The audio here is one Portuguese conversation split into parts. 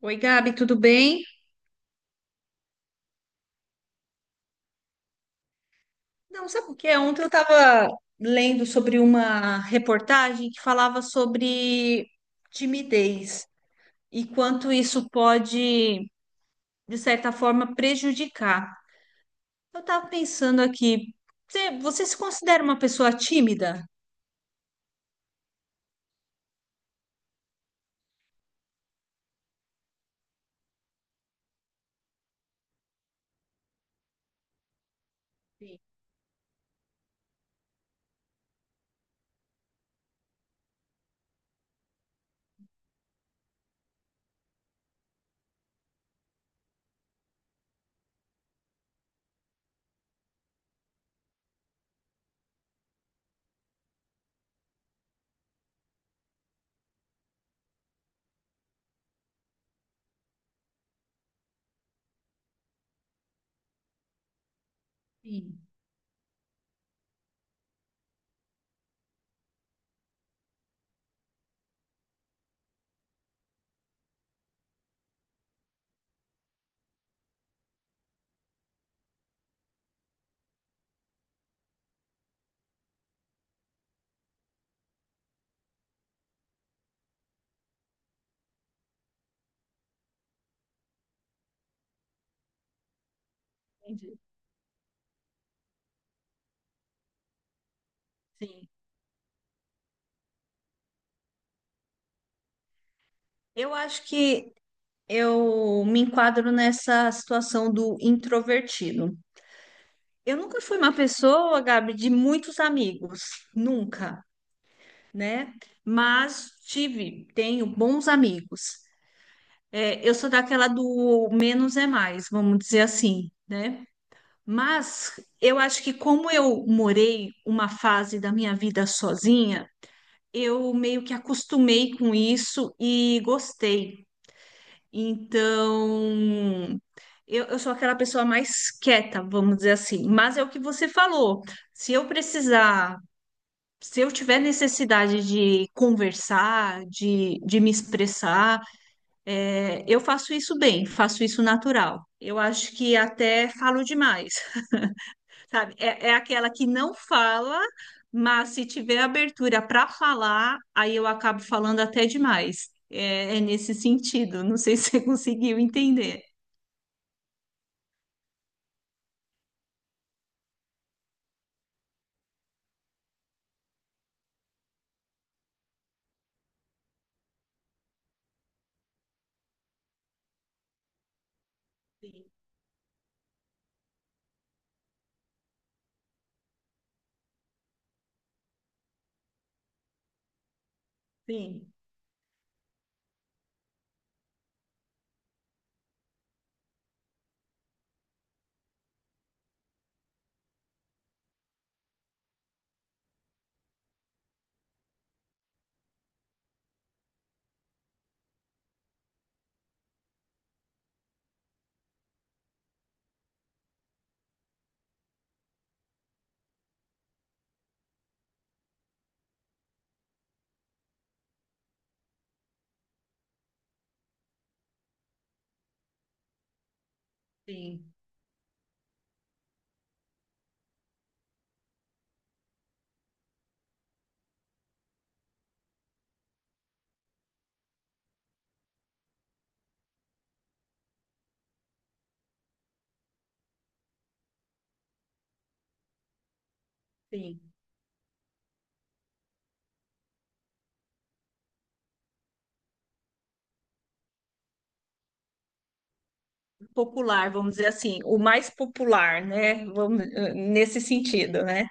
Oi, Gabi, tudo bem? Não, sabe o que é? Ontem eu estava lendo sobre uma reportagem que falava sobre timidez e quanto isso pode, de certa forma, prejudicar. Eu estava pensando aqui, você se considera uma pessoa tímida? Sim, entendi. Sim. Eu acho que eu me enquadro nessa situação do introvertido. Eu nunca fui uma pessoa, Gabi, de muitos amigos, nunca, né? Mas tive, tenho bons amigos. É, eu sou daquela do menos é mais, vamos dizer assim, né? Mas eu acho que como eu morei uma fase da minha vida sozinha, eu meio que acostumei com isso e gostei. Então, eu sou aquela pessoa mais quieta, vamos dizer assim. Mas é o que você falou. Se eu precisar, se eu tiver necessidade de conversar, de me expressar, eu faço isso bem, faço isso natural. Eu acho que até falo demais, sabe? É, é aquela que não fala, mas se tiver abertura para falar, aí eu acabo falando até demais. É, é nesse sentido. Não sei se você conseguiu entender. Sim, sim, sim. Popular, vamos dizer assim, o mais popular, né? Vamos, nesse sentido, né?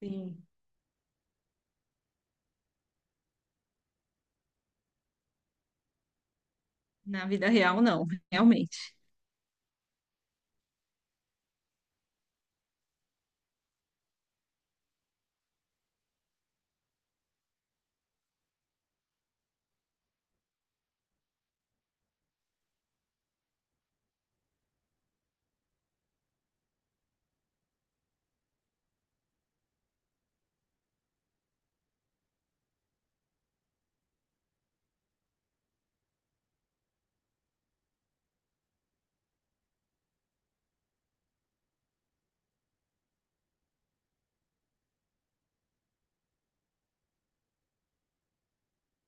Sim. Na vida real, não, realmente.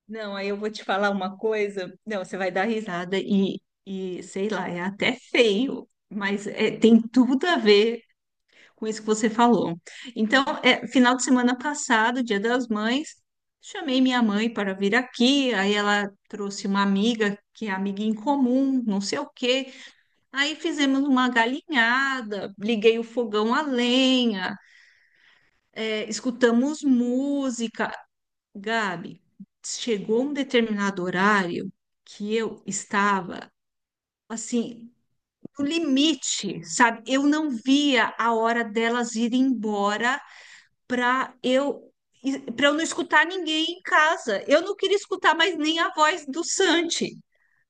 Não, aí eu vou te falar uma coisa. Não, você vai dar risada e sei lá, é até feio, mas é, tem tudo a ver com isso que você falou. Então, final de semana passado, Dia das Mães, chamei minha mãe para vir aqui, aí ela trouxe uma amiga que é amiga em comum, não sei o quê. Aí fizemos uma galinhada, liguei o fogão a lenha, escutamos música. Gabi, chegou um determinado horário que eu estava assim, no limite, sabe? Eu não via a hora delas irem embora para eu para eu não escutar ninguém em casa. Eu não queria escutar mais nem a voz do Santi,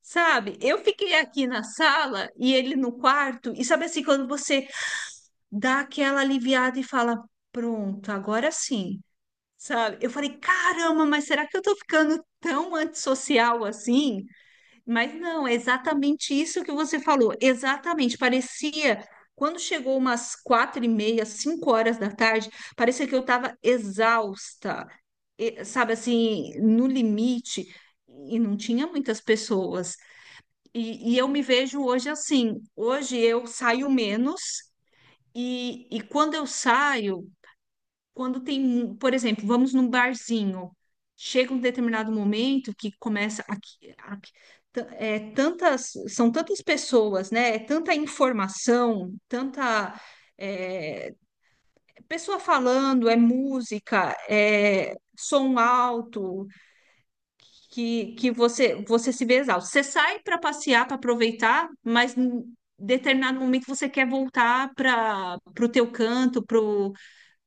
sabe? Eu fiquei aqui na sala e ele no quarto, e sabe assim, quando você dá aquela aliviada e fala, pronto, agora sim, sabe? Eu falei, caramba, mas será que eu tô ficando tão antissocial assim? Mas não, é exatamente isso que você falou. Exatamente. Parecia, quando chegou umas quatro e meia, cinco horas da tarde, parecia que eu estava exausta, sabe assim, no limite, e não tinha muitas pessoas. E eu me vejo hoje assim. Hoje eu saio menos, e quando eu saio, quando tem, por exemplo, vamos num barzinho, chega um determinado momento que começa tantas, são tantas pessoas, né? É tanta informação, tanta é, pessoa falando, é música, é som alto, que, que você se vê exausto. Você sai para passear, para aproveitar, mas em determinado momento você quer voltar para o teu canto,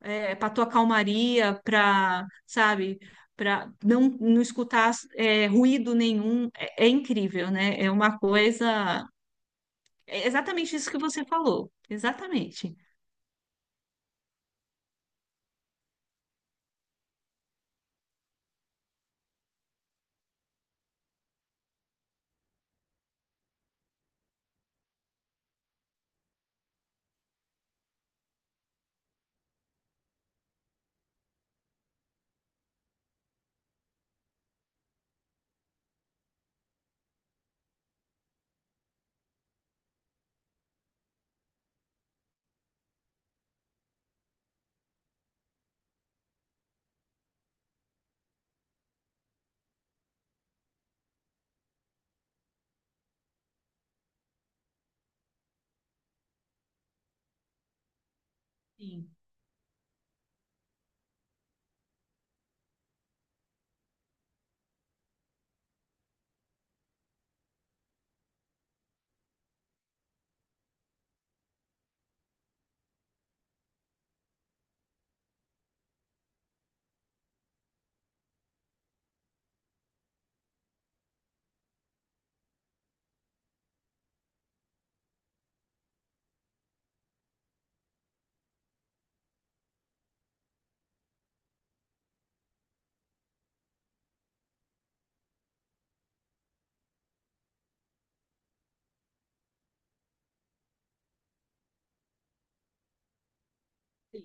para tua calmaria, para, sabe, para não, não escutar ruído nenhum, é, é incrível, né? É uma coisa. É exatamente isso que você falou, exatamente. Sim, sim.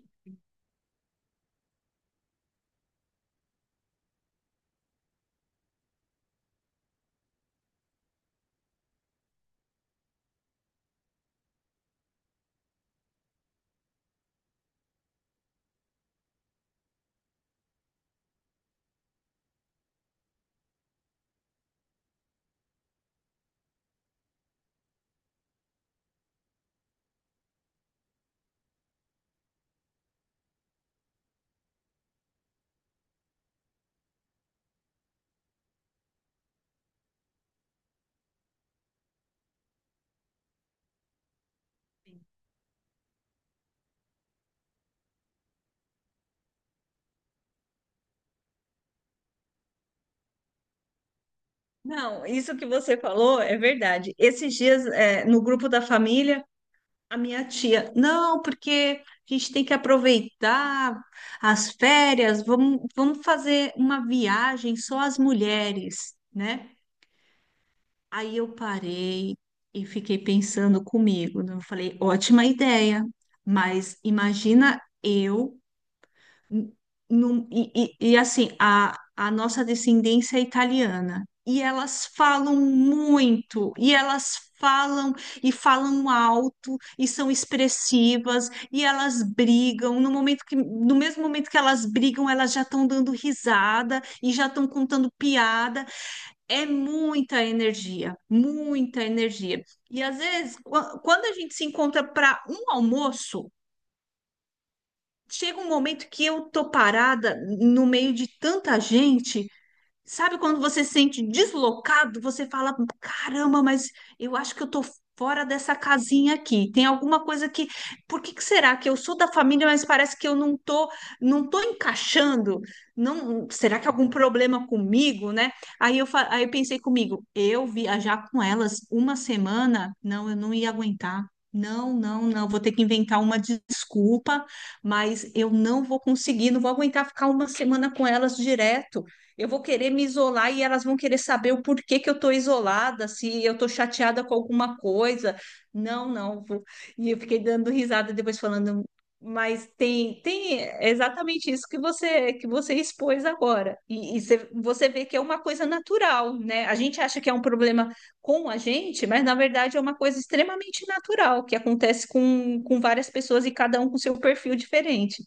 Não, isso que você falou é verdade. Esses dias, no grupo da família, a minha tia, não, porque a gente tem que aproveitar as férias, vamos, vamos fazer uma viagem só as mulheres, né? Aí eu parei e fiquei pensando comigo, né? Eu falei, ótima ideia, mas imagina eu n- e, e assim, a nossa descendência é italiana. E elas falam muito, e elas falam e falam alto, e são expressivas, e elas brigam. No momento que, no mesmo momento que elas brigam, elas já estão dando risada e já estão contando piada. É muita energia, muita energia. E às vezes, quando a gente se encontra para um almoço, chega um momento que eu tô parada no meio de tanta gente. Sabe quando você se sente deslocado, você fala, caramba, mas eu acho que eu tô fora dessa casinha aqui. Tem alguma coisa que, por que que será que eu sou da família, mas parece que eu não tô, não tô encaixando? Não, será que é algum problema comigo, né? Aí eu pensei comigo, eu viajar com elas uma semana, não, eu não ia aguentar. Não, não, não, vou ter que inventar uma desculpa, mas eu não vou conseguir, não vou aguentar ficar uma semana com elas direto. Eu vou querer me isolar e elas vão querer saber o porquê que eu estou isolada, se eu estou chateada com alguma coisa. Não, não. E eu fiquei dando risada depois falando, mas tem, tem exatamente isso que você expôs agora. E, e você vê que é uma coisa natural, né? A gente acha que é um problema com a gente, mas na verdade é uma coisa extremamente natural que acontece com várias pessoas e cada um com seu perfil diferente.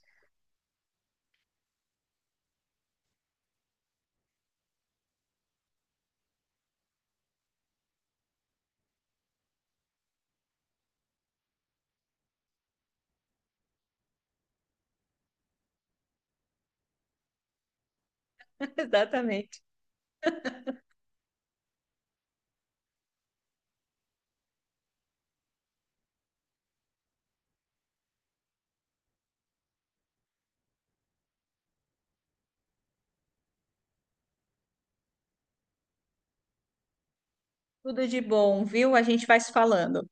Exatamente. Tudo de bom, viu? A gente vai se falando.